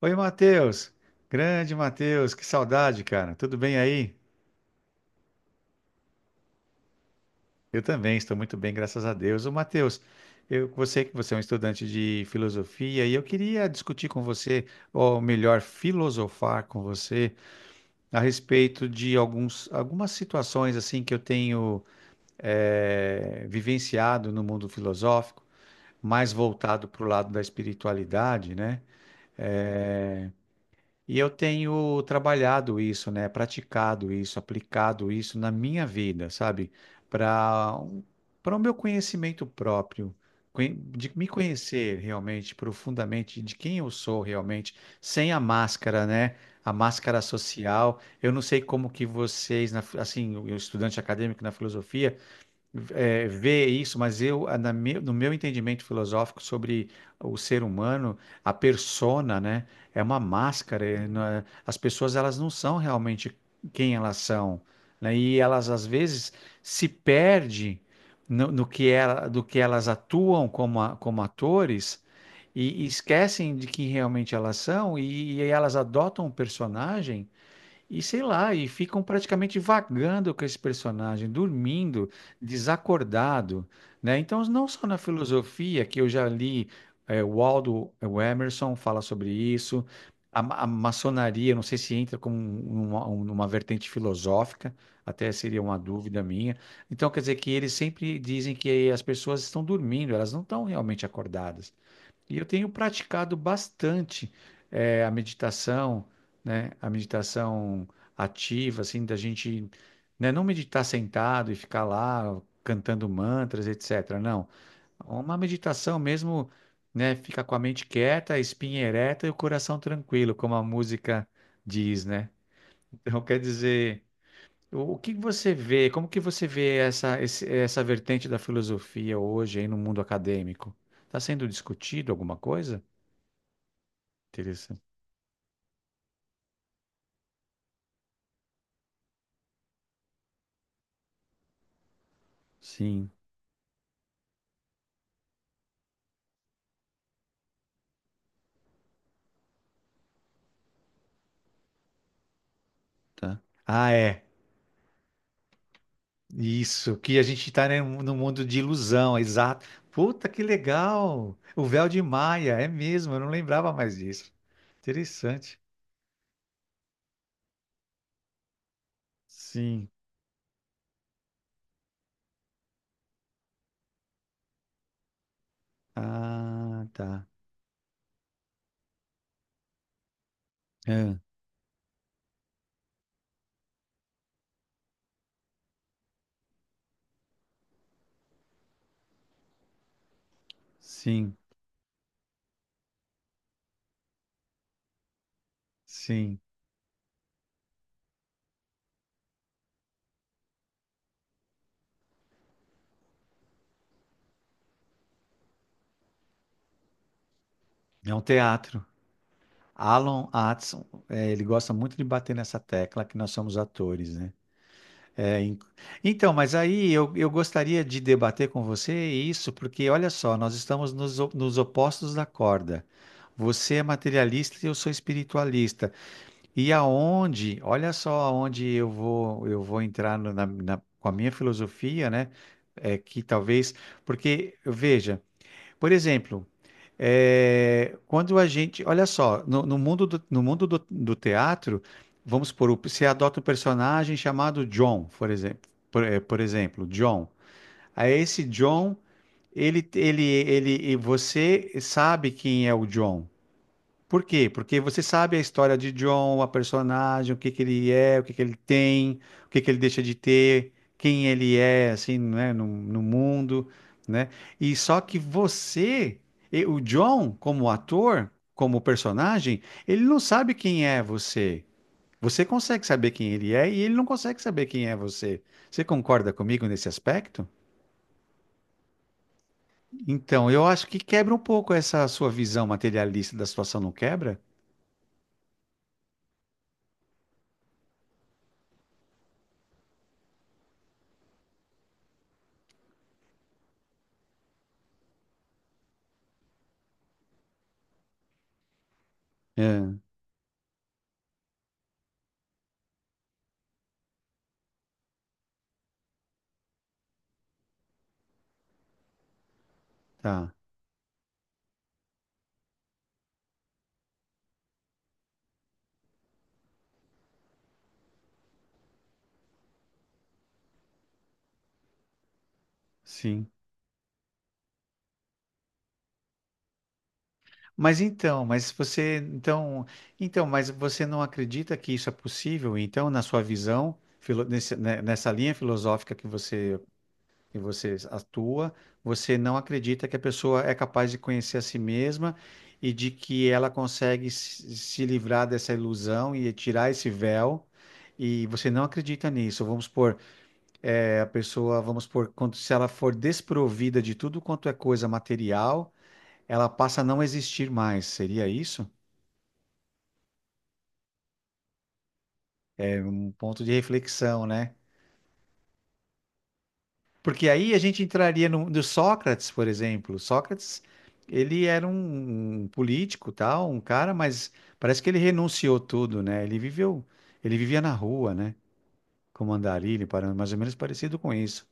Oi, Matheus. Grande Matheus, que saudade, cara. Tudo bem aí? Eu também estou muito bem, graças a Deus. Ô, Matheus, eu sei que você é um estudante de filosofia e eu queria discutir com você, ou melhor, filosofar com você a respeito de algumas situações assim que eu tenho vivenciado no mundo filosófico, mais voltado para o lado da espiritualidade, né? E eu tenho trabalhado isso, né? Praticado isso, aplicado isso na minha vida, sabe? Para para o meu conhecimento próprio, de me conhecer realmente profundamente, de quem eu sou realmente, sem a máscara, né? A máscara social. Eu não sei como que assim, o estudante acadêmico na filosofia, ver isso, mas eu, a- na me- no meu entendimento filosófico sobre o ser humano, a persona, né, é uma máscara. É, não é- As pessoas elas não são realmente quem elas são, né, e elas às vezes se perdem no, no que ela, do que elas atuam como, como atores e esquecem de quem realmente elas são e elas adotam um personagem. E sei lá, e ficam praticamente vagando com esse personagem, dormindo, desacordado, né? Então, não só na filosofia, que eu já li, o Aldo, o Emerson fala sobre isso, a maçonaria, não sei se entra como uma vertente filosófica, até seria uma dúvida minha. Então, quer dizer que eles sempre dizem que as pessoas estão dormindo, elas não estão realmente acordadas. E eu tenho praticado bastante a meditação, né? A meditação ativa, assim, da gente, né? Não meditar sentado e ficar lá cantando mantras, etc. Não, uma meditação mesmo, né? Ficar com a mente quieta, a espinha ereta e o coração tranquilo, como a música diz, né? Então, quer dizer, o que você vê? Como que você vê essa vertente da filosofia hoje aí no mundo acadêmico? Está sendo discutido alguma coisa? Interessante. Sim, tá. Ah, é. Isso, que a gente tá, né, no mundo de ilusão, exato. Puta, que legal! O véu de Maia, é mesmo, eu não lembrava mais disso. Interessante. Sim. Ah, tá. É, sim, sim. É um teatro. Alan Atson, é, ele gosta muito de bater nessa tecla que nós somos atores, né? É, in- então, mas aí eu gostaria de debater com você isso, porque olha só, nós estamos nos opostos da corda. Você é materialista e eu sou espiritualista. E aonde, olha só aonde eu vou entrar com a minha filosofia, né? É que talvez, porque veja, por exemplo. Quando a gente, olha só, no mundo do, do teatro, você adota um personagem chamado John, por exemplo, por exemplo, John. Aí esse John, ele, e você sabe quem é o John. Por quê? Porque você sabe a história de John, a personagem, o que que ele é, o que que ele tem, o que que ele deixa de ter, quem ele é, assim, né, no mundo, né? E só que você, e o John, como ator, como personagem, ele não sabe quem é você. Você consegue saber quem ele é e ele não consegue saber quem é você. Você concorda comigo nesse aspecto? Então, eu acho que quebra um pouco essa sua visão materialista da situação, não quebra? É, tá, sim. Mas então, mas você, então, mas você não acredita que isso é possível? Então, na sua visão, né, nessa linha filosófica que você atua, você não acredita que a pessoa é capaz de conhecer a si mesma e de que ela consegue se livrar dessa ilusão e tirar esse véu? E você não acredita nisso? Vamos supor, a pessoa, vamos supor, quando, se ela for desprovida de tudo quanto é coisa material, ela passa a não existir mais. Seria isso? Ponto de reflexão, né? Porque aí a gente entraria no Sócrates, por exemplo. Sócrates, ele era um político, tal, um cara, mas parece que ele renunciou tudo, né? Ele viveu, ele vivia na rua, né? Como andarilho, mais ou menos parecido com isso.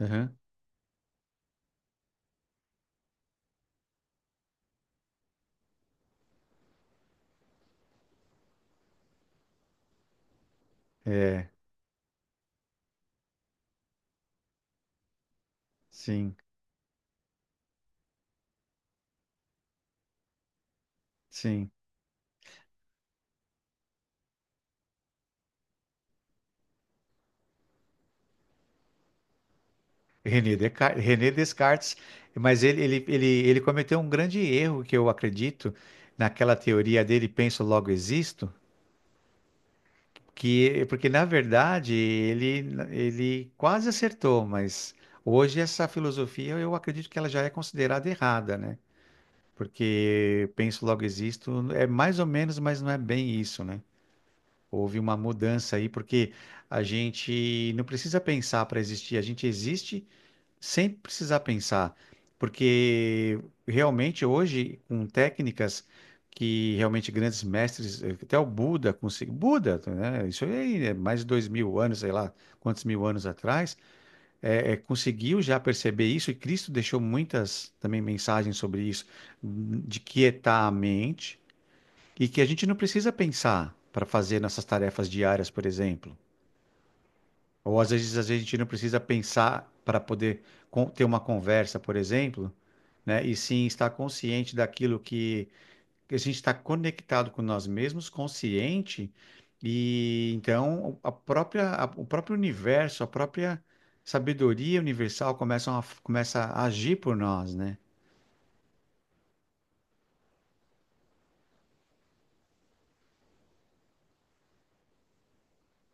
Aham. É, sim, sim. René Descartes, René Descartes, mas ele cometeu um grande erro que eu acredito naquela teoria dele, penso, logo existo. Que, porque na verdade ele, quase acertou, mas hoje essa filosofia eu acredito que ela já é considerada errada, né? Porque penso logo existo, é mais ou menos, mas não é bem isso, né? Houve uma mudança aí, porque a gente não precisa pensar para existir, a gente existe sem precisar pensar, porque realmente hoje, com técnicas que realmente grandes mestres, até o Buda conseguiu, Buda, né, isso aí é mais de 2.000 anos, sei lá, quantos mil anos atrás, conseguiu já perceber isso, e Cristo deixou muitas também mensagens sobre isso, de quietar a mente, e que a gente não precisa pensar para fazer nossas tarefas diárias, por exemplo. Ou às vezes a gente não precisa pensar para poder ter uma conversa, por exemplo, né? E sim estar consciente daquilo que a gente está conectado com nós mesmos, consciente, e então a própria, o próprio universo, a própria sabedoria universal começa a agir por nós, né?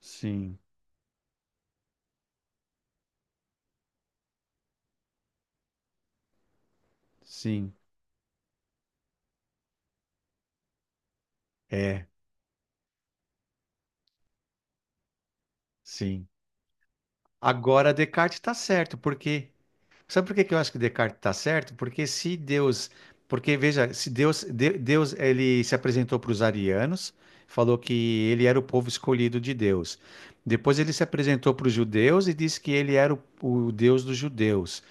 Sim, sim, é, sim. Agora Descartes está certo. Porque Sabe por que que eu acho que Descartes está certo? Porque se Deus, porque veja, se Deus, Deus ele se apresentou para os arianos, falou que ele era o povo escolhido de Deus. Depois ele se apresentou para os judeus e disse que ele era o Deus dos judeus.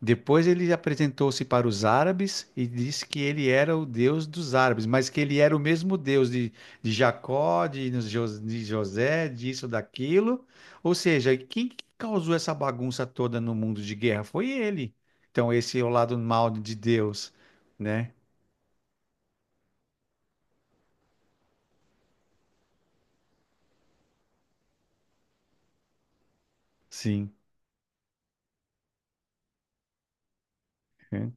Depois ele apresentou-se para os árabes e disse que ele era o Deus dos árabes, mas que ele era o mesmo Deus de Jacó, de José, disso, daquilo. Ou seja, quem que causou essa bagunça toda no mundo de guerra foi ele. Então, esse é o lado mal de Deus, né? Sim. É.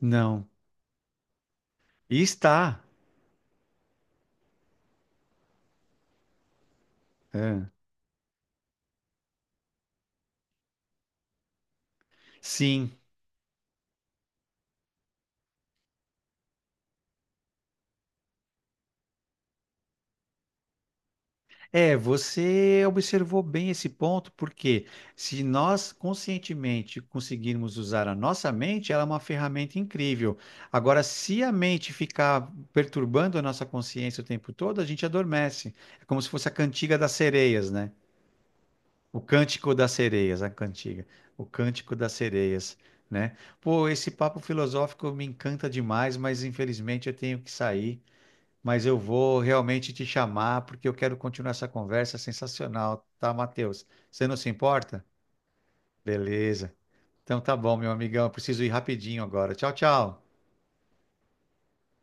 Não. E está. É. Sim. É, você observou bem esse ponto, porque se nós conscientemente conseguirmos usar a nossa mente, ela é uma ferramenta incrível. Agora, se a mente ficar perturbando a nossa consciência o tempo todo, a gente adormece. É como se fosse a cantiga das sereias, né? O cântico das sereias, a cantiga. O cântico das sereias, né? Pô, esse papo filosófico me encanta demais, mas infelizmente eu tenho que sair, mas eu vou realmente te chamar porque eu quero continuar essa conversa sensacional, tá, Matheus? Você não se importa? Beleza. Então tá bom, meu amigão, eu preciso ir rapidinho agora. Tchau, tchau.